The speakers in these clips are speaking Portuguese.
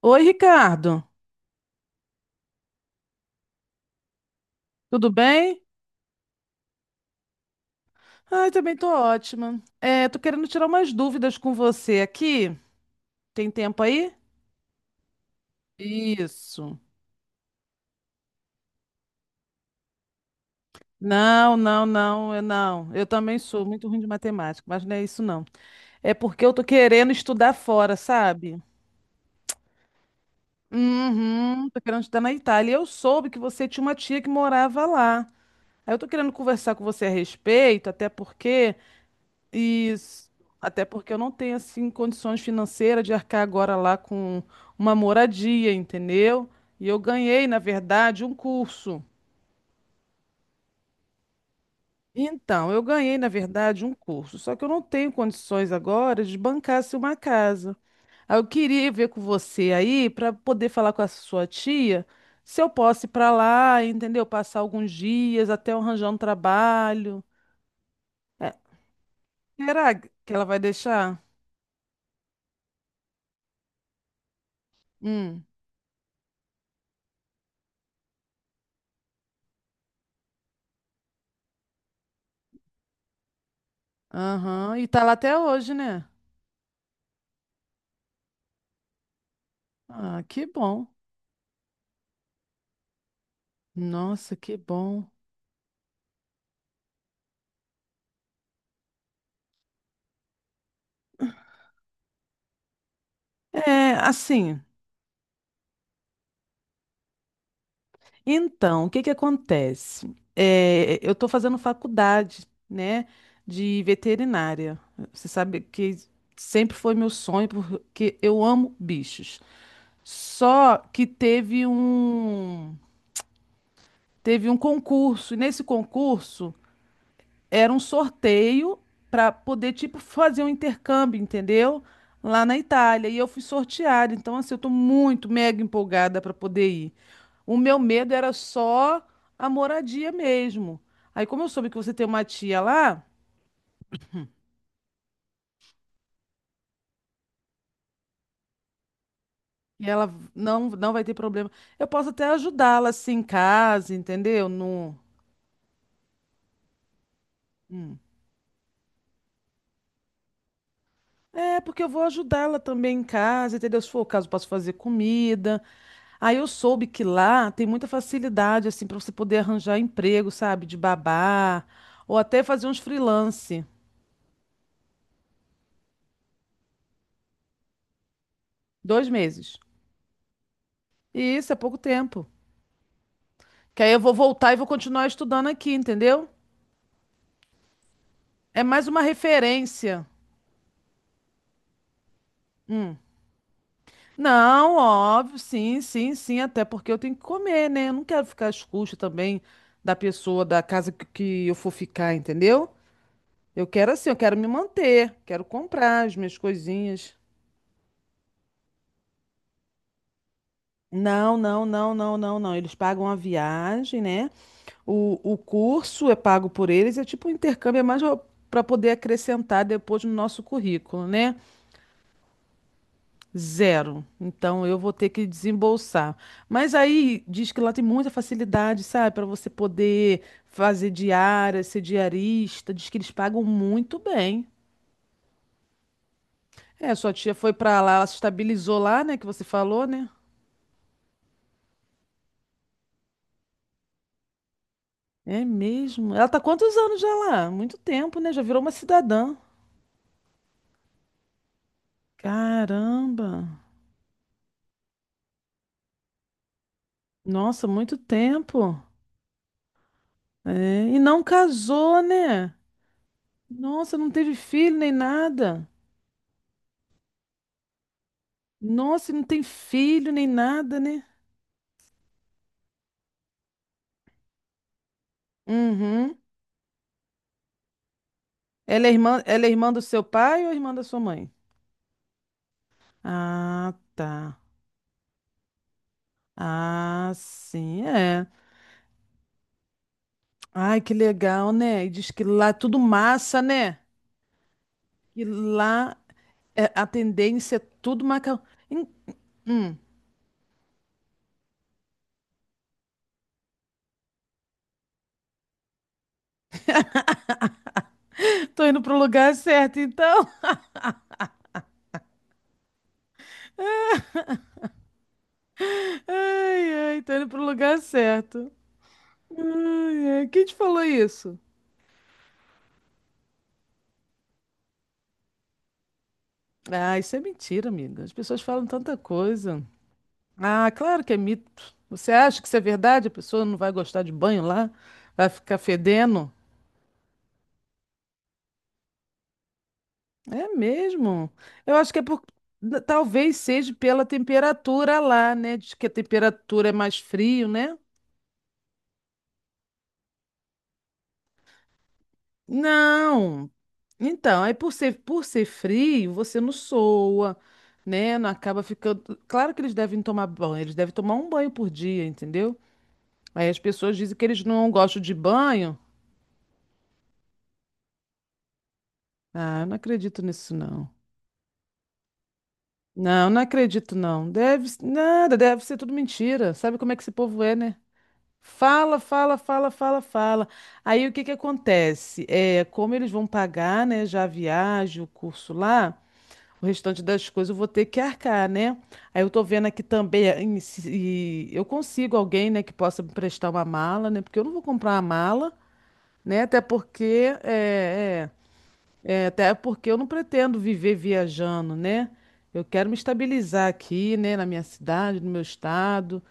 Oi, Ricardo. Tudo bem? Ai, também tô ótima. É, tô querendo tirar umas dúvidas com você aqui. Tem tempo aí? Isso. Não, não, não, eu não. Eu também sou muito ruim de matemática, mas não é isso não. É porque eu tô querendo estudar fora, sabe? Uhum, tô querendo estudar na Itália. E eu soube que você tinha uma tia que morava lá. Aí eu tô querendo conversar com você a respeito, até porque. Isso. Até porque eu não tenho assim condições financeiras de arcar agora lá com uma moradia, entendeu? E eu ganhei, na verdade, um curso. Então, eu ganhei, na verdade, um curso, só que eu não tenho condições agora de bancar se uma casa. Aí eu queria ver com você aí para poder falar com a sua tia se eu posso ir para lá, entendeu? Passar alguns dias até eu arranjar um trabalho. É, será que ela vai deixar? Hum. Aham, e tá lá até hoje, né? Ah, que bom. Nossa, que bom. É, assim, então, o que que acontece? É, eu estou fazendo faculdade, né, de veterinária. Você sabe que sempre foi meu sonho, porque eu amo bichos. Só que teve um concurso, e nesse concurso era um sorteio para poder, tipo, fazer um intercâmbio, entendeu? Lá na Itália. E eu fui sorteada. Então, assim, eu tô muito mega empolgada para poder ir. O meu medo era só a moradia mesmo. Aí, como eu soube que você tem uma tia lá, e ela não vai ter problema, eu posso até ajudá-la, assim, em casa, entendeu? No... Hum. É, porque eu vou ajudá-la também em casa, entendeu? Se for o caso, posso fazer comida. Aí eu soube que lá tem muita facilidade, assim, para você poder arranjar emprego, sabe, de babá, ou até fazer uns freelance, 2 meses. E isso é pouco tempo. Que aí eu vou voltar e vou continuar estudando aqui, entendeu? É mais uma referência. Hum. Não, óbvio, sim, sim, sim, até porque eu tenho que comer, né? Eu não quero ficar às custas também da pessoa, da casa que eu for ficar, entendeu? Eu quero assim, eu quero me manter, quero comprar as minhas coisinhas. Não, não, não, não, não, não. Eles pagam a viagem, né? O curso é pago por eles, é tipo um intercâmbio, é mais para poder acrescentar depois no nosso currículo, né? Zero. Então eu vou ter que desembolsar. Mas aí diz que lá tem muita facilidade, sabe? Para você poder fazer diária, ser diarista. Diz que eles pagam muito bem. É, sua tia foi para lá, ela se estabilizou lá, né? Que você falou, né? É mesmo. Ela tá há quantos anos já lá? Muito tempo, né? Já virou uma cidadã. Caramba! Nossa, muito tempo. É, e não casou, né? Nossa, não teve filho nem nada. Nossa, e não tem filho nem nada, né? Uhum. Ela é irmã do seu pai ou irmã da sua mãe? Ah, tá. Ah, sim, é. Ai, que legal, né? E diz que lá é tudo massa, né? E lá é, a tendência é tudo macarrão. Hum, tô indo pro lugar certo, então. Ai, ai, tá indo pro lugar certo. Ai, ai. Quem te falou isso? Ah, isso é mentira, amiga. As pessoas falam tanta coisa. Ah, claro que é mito. Você acha que isso é verdade? A pessoa não vai gostar de banho lá? Vai ficar fedendo? É mesmo. Eu acho que é por. Talvez seja pela temperatura lá, né? Diz que a temperatura é mais frio, né? Não. Então, aí por ser frio, você não soa, né? Não acaba ficando. Claro que eles devem tomar banho, eles devem tomar um banho por dia, entendeu? Aí as pessoas dizem que eles não gostam de banho. Ah, eu não acredito nisso, não. Não, não acredito, não. Deve, nada, deve ser tudo mentira. Sabe como é que esse povo é, né? Fala, fala, fala, fala, fala. Aí o que que acontece? É, como eles vão pagar, né, já a viagem, o curso lá. O restante das coisas eu vou ter que arcar, né? Aí eu tô vendo aqui também em e eu consigo alguém, né, que possa me prestar uma mala, né? Porque eu não vou comprar uma mala, né? Até porque é, é, é, até porque eu não pretendo viver viajando, né? Eu quero me estabilizar aqui, né, na minha cidade, no meu estado.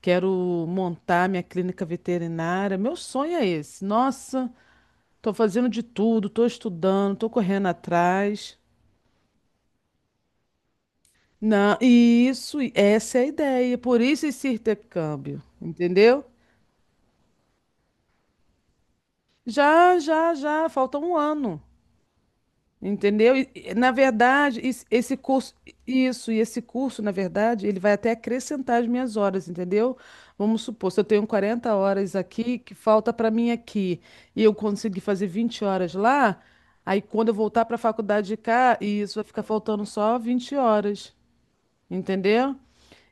Quero montar minha clínica veterinária. Meu sonho é esse. Nossa, tô fazendo de tudo, tô estudando, tô correndo atrás. Não, isso, e essa é a ideia. Por isso esse intercâmbio, entendeu? Já, já, já, falta um ano, entendeu? Na verdade, esse curso, na verdade, ele vai até acrescentar as minhas horas, entendeu? Vamos supor, se eu tenho 40 horas aqui, que falta para mim aqui, e eu conseguir fazer 20 horas lá, aí quando eu voltar para a faculdade de cá, isso vai ficar faltando só 20 horas, entendeu?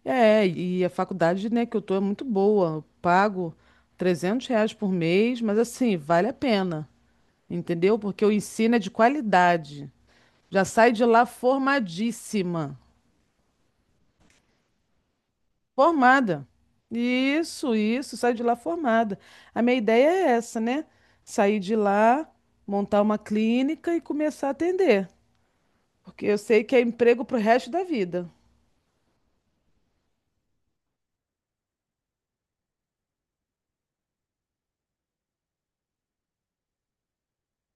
É, e a faculdade, né, que eu tô é muito boa. Eu pago R$ 300 por mês, mas assim, vale a pena, entendeu? Porque o ensino é de qualidade. Já sai de lá formadíssima. Formada. Isso, sai de lá formada. A minha ideia é essa, né? Sair de lá, montar uma clínica e começar a atender. Porque eu sei que é emprego pro resto da vida.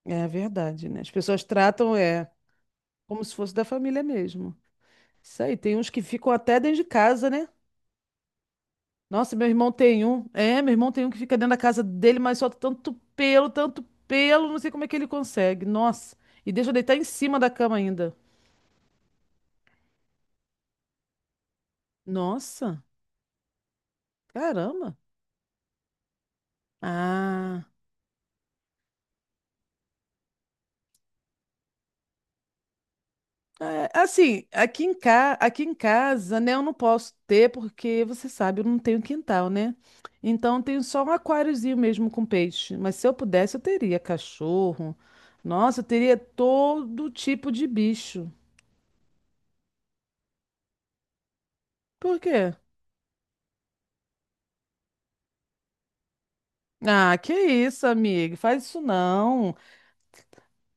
É verdade, né? As pessoas tratam, é, como se fosse da família mesmo. Isso aí, tem uns que ficam até dentro de casa, né? Nossa, meu irmão tem um. É, meu irmão tem um que fica dentro da casa dele, mas solta tanto pelo, não sei como é que ele consegue. Nossa. E deixa eu deitar em cima da cama ainda. Nossa, caramba. Ah. É, assim, aqui em casa, né, eu não posso ter, porque você sabe, eu não tenho quintal, né? Então tenho só um aquáriozinho mesmo com peixe. Mas se eu pudesse, eu teria cachorro. Nossa, eu teria todo tipo de bicho. Por quê? Ah, que isso, amiga, faz isso não.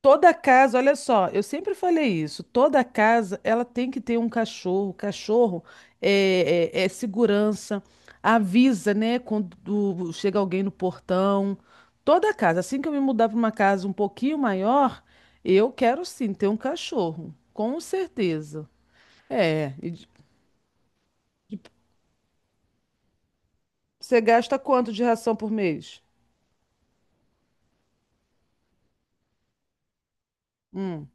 Toda casa, olha só, eu sempre falei isso, toda casa ela tem que ter um cachorro. Cachorro é segurança, avisa, né, quando chega alguém no portão. Toda casa, assim que eu me mudar para uma casa um pouquinho maior, eu quero sim ter um cachorro, com certeza. É, e de- de- você gasta quanto de ração por mês? Hum,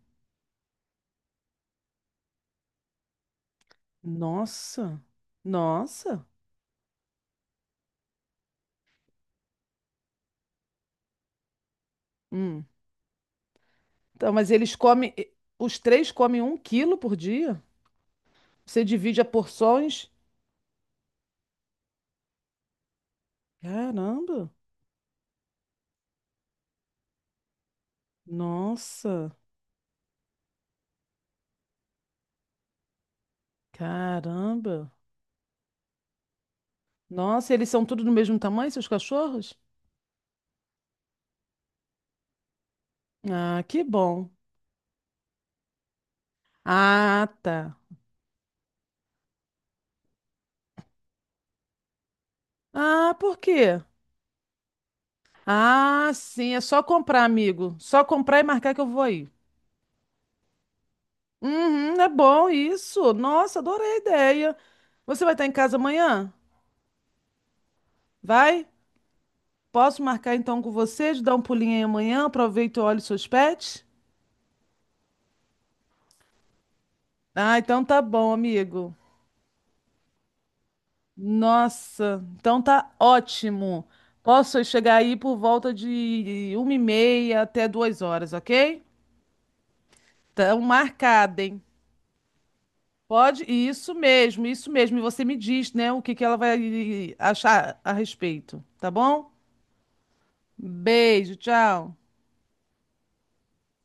nossa, nossa. Hum. Então, mas eles comem, os três comem 1 quilo por dia? Você divide a porções? Caramba! Nossa! Caramba! Nossa, eles são tudo do mesmo tamanho, seus cachorros? Ah, que bom. Ah, tá. Ah, por quê? Ah, sim, é só comprar, amigo. Só comprar e marcar que eu vou aí. Uhum, é bom isso. Nossa, adorei a ideia. Você vai estar em casa amanhã? Vai? Posso marcar então com vocês, dar um pulinho aí amanhã, aproveito e olho seus pets? Ah, então tá bom, amigo. Nossa, então tá ótimo. Posso chegar aí por volta de 1h30 até 2h, ok? Então marcado, hein? Pode? Isso mesmo, isso mesmo. E você me diz, né, o que que ela vai achar a respeito, tá bom? Beijo, tchau.